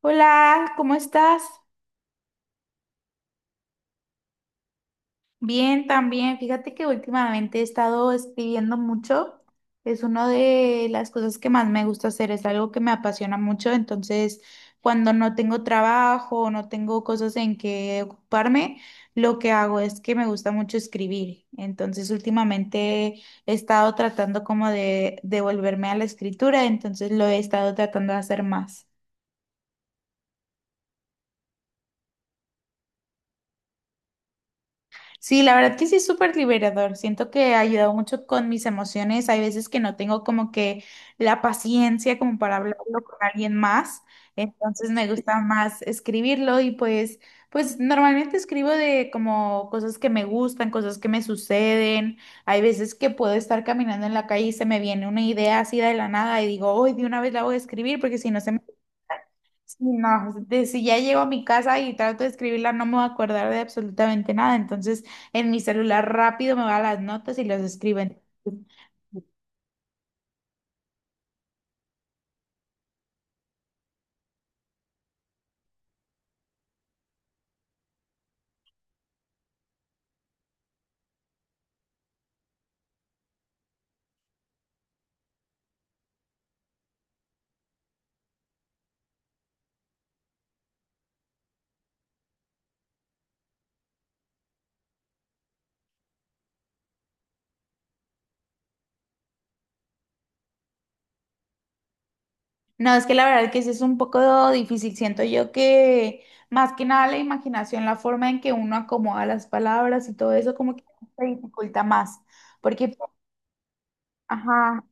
Hola, ¿cómo estás? Bien, también. Fíjate que últimamente he estado escribiendo mucho. Es una de las cosas que más me gusta hacer, es algo que me apasiona mucho. Entonces, cuando no tengo trabajo, o no tengo cosas en que ocuparme, lo que hago es que me gusta mucho escribir. Entonces, últimamente he estado tratando como de devolverme a la escritura, entonces lo he estado tratando de hacer más. Sí, la verdad que sí es súper liberador. Siento que ha ayudado mucho con mis emociones. Hay veces que no tengo como que la paciencia como para hablarlo con alguien más. Entonces me gusta más escribirlo y pues, pues normalmente escribo de como cosas que me gustan, cosas que me suceden. Hay veces que puedo estar caminando en la calle y se me viene una idea así de la nada y digo, hoy de una vez la voy a escribir porque si no se me... Sí, no, si ya llego a mi casa y trato de escribirla, no me voy a acordar de absolutamente nada. Entonces, en mi celular rápido me va a las notas y las escribo. No, es que la verdad que sí es un poco difícil. Siento yo que más que nada la imaginación, la forma en que uno acomoda las palabras y todo eso, como que se dificulta más. Porque, ajá...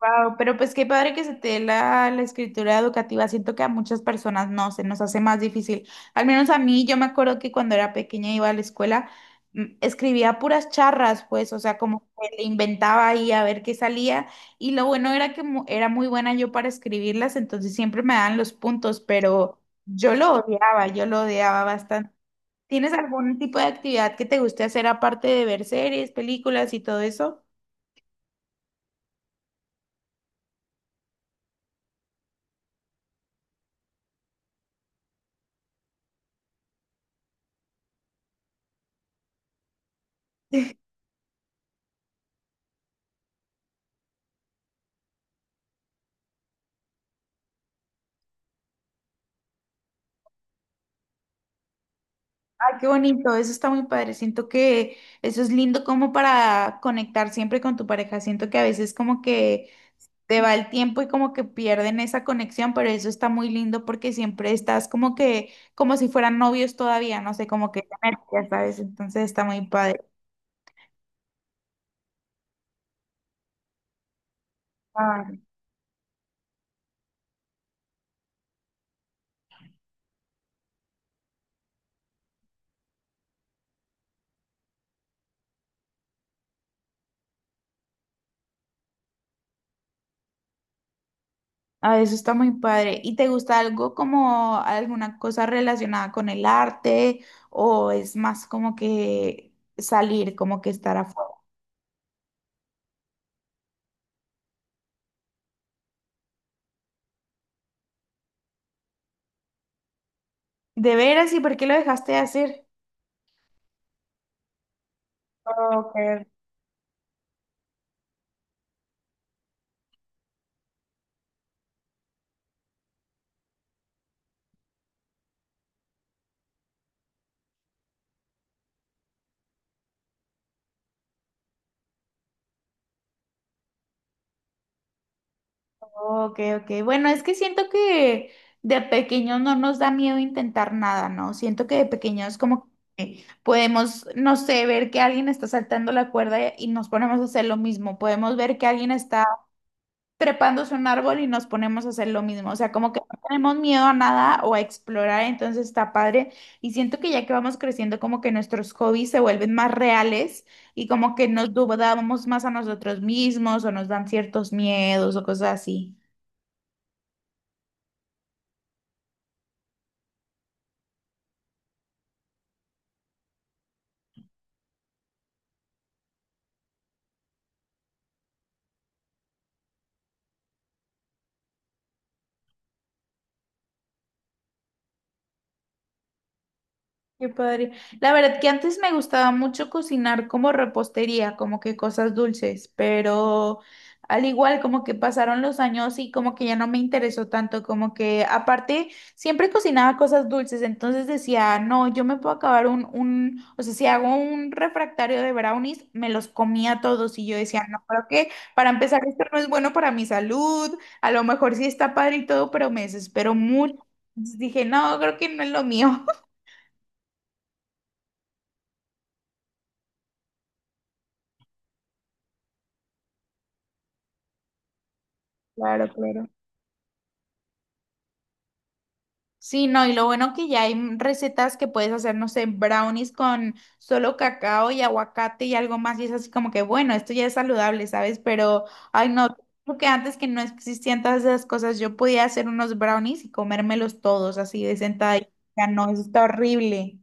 Wow, pero pues qué padre que se te dé la, la escritura educativa. Siento que a muchas personas no, se nos hace más difícil. Al menos a mí, yo me acuerdo que cuando era pequeña iba a la escuela, escribía puras charras, pues, o sea, como que le inventaba ahí a ver qué salía. Y lo bueno era que era muy buena yo para escribirlas, entonces siempre me daban los puntos, pero yo lo odiaba bastante. ¿Tienes algún tipo de actividad que te guste hacer aparte de ver series, películas y todo eso? Ah, qué bonito, eso está muy padre. Siento que eso es lindo como para conectar siempre con tu pareja. Siento que a veces como que te va el tiempo y como que pierden esa conexión, pero eso está muy lindo porque siempre estás como que, como si fueran novios todavía, no sé, como que esa energía, ¿sabes? Entonces está muy padre. Ah, ah, eso está muy padre. ¿Y te gusta algo como alguna cosa relacionada con el arte o es más como que salir, como que estar afuera? ¿De veras? ¿Y por qué lo dejaste de hacer? Okay, okay, okay. Bueno, es que siento que de pequeños no nos da miedo intentar nada, ¿no? Siento que de pequeños como podemos, no sé, ver que alguien está saltando la cuerda y nos ponemos a hacer lo mismo. Podemos ver que alguien está trepándose un árbol y nos ponemos a hacer lo mismo. O sea, como que no tenemos miedo a nada o a explorar, entonces está padre. Y siento que ya que vamos creciendo, como que nuestros hobbies se vuelven más reales y como que nos dudamos más a nosotros mismos o nos dan ciertos miedos o cosas así. Qué padre. La verdad que antes me gustaba mucho cocinar como repostería, como que cosas dulces, pero al igual como que pasaron los años y como que ya no me interesó tanto, como que aparte siempre cocinaba cosas dulces, entonces decía, no, yo me puedo acabar o sea, si hago un refractario de brownies, me los comía todos y yo decía, no, creo que para empezar esto no es bueno para mi salud, a lo mejor sí está padre y todo, pero me desespero mucho. Entonces dije, no, creo que no es lo mío. Claro, claro. Sí, no, y lo bueno que ya hay recetas que puedes hacer, no sé, brownies con solo cacao y aguacate y algo más, y es así como que, bueno, esto ya es saludable, ¿sabes? Pero, ay, no, creo que antes que no existían todas esas cosas, yo podía hacer unos brownies y comérmelos todos así de sentada, y ya no, eso está horrible.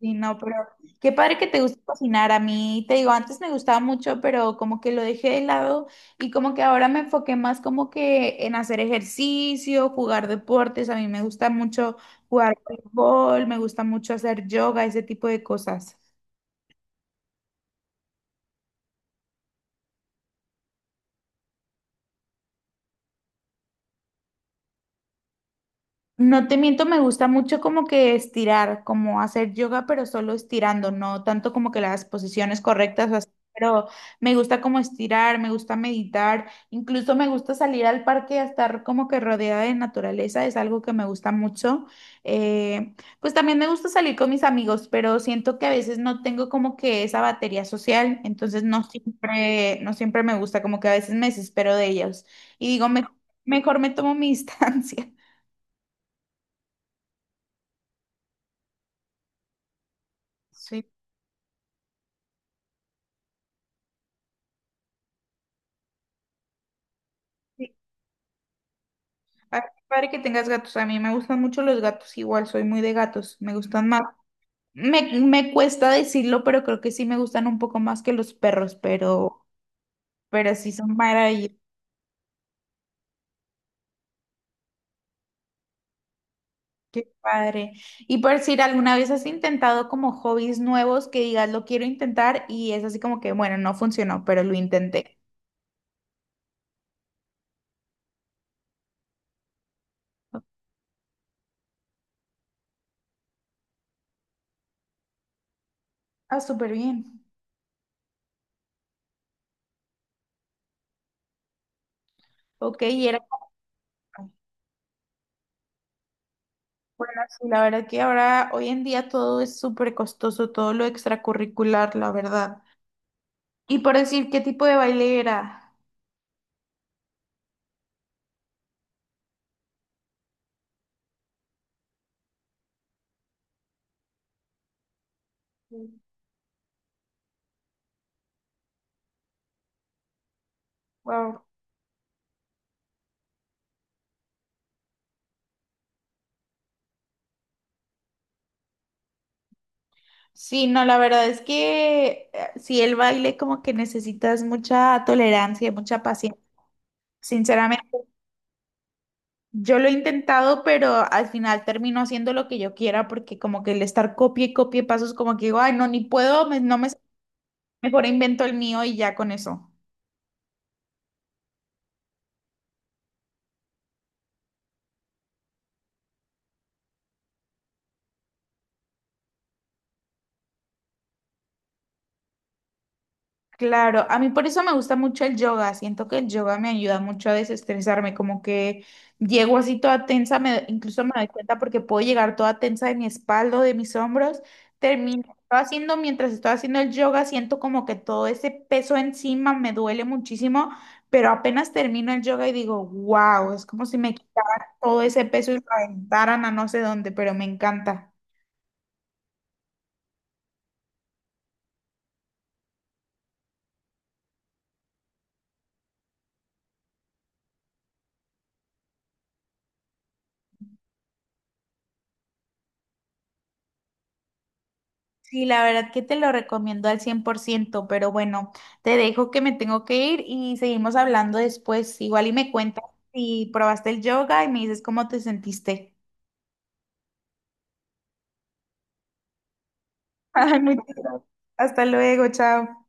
Sí, no, pero qué padre que te guste cocinar. A mí, te digo, antes me gustaba mucho, pero como que lo dejé de lado y como que ahora me enfoqué más como que en hacer ejercicio, jugar deportes. A mí me gusta mucho jugar fútbol, me gusta mucho hacer yoga, ese tipo de cosas. No te miento, me gusta mucho como que estirar, como hacer yoga, pero solo estirando, no tanto como que las posiciones correctas o así, pero me gusta como estirar, me gusta meditar, incluso me gusta salir al parque a estar como que rodeada de naturaleza, es algo que me gusta mucho. Pues también me gusta salir con mis amigos, pero siento que a veces no tengo como que esa batería social, entonces no siempre, no siempre me gusta, como que a veces me desespero de ellos y digo, mejor me tomo mi distancia". Sí. Sí. Ah, qué padre que tengas gatos. A mí me gustan mucho los gatos, igual soy muy de gatos, me gustan más. Me cuesta decirlo, pero creo que sí me gustan un poco más que los perros, pero sí son maravillosos. Qué padre. Y por decir, ¿alguna vez has intentado como hobbies nuevos que digas lo quiero intentar y es así como que, bueno, no funcionó, pero lo intenté? Ah, súper bien. Ok, y era como- bueno, sí, la verdad que ahora, hoy en día todo es súper costoso, todo lo extracurricular, la verdad. Y por decir qué tipo de baile era. Wow. Sí, no, la verdad es que sí, el baile como que necesitas mucha tolerancia y mucha paciencia. Sinceramente, yo lo he intentado, pero al final termino haciendo lo que yo quiera porque como que el estar copie y copie pasos como que digo, ay, no, ni puedo, no me, mejor invento el mío y ya con eso. Claro, a mí por eso me gusta mucho el yoga. Siento que el yoga me ayuda mucho a desestresarme, como que llego así toda tensa, incluso me doy cuenta porque puedo llegar toda tensa de mi espalda, de mis hombros. Termino haciendo, mientras estoy haciendo el yoga, siento como que todo ese peso encima me duele muchísimo, pero apenas termino el yoga y digo, wow, es como si me quitaran todo ese peso y lo aventaran a no sé dónde, pero me encanta. Sí, la verdad que te lo recomiendo al 100%, pero bueno, te dejo que me tengo que ir y seguimos hablando después. Igual y me cuentas si probaste el yoga y me dices cómo te sentiste. Ay, muchas gracias. Hasta luego, chao.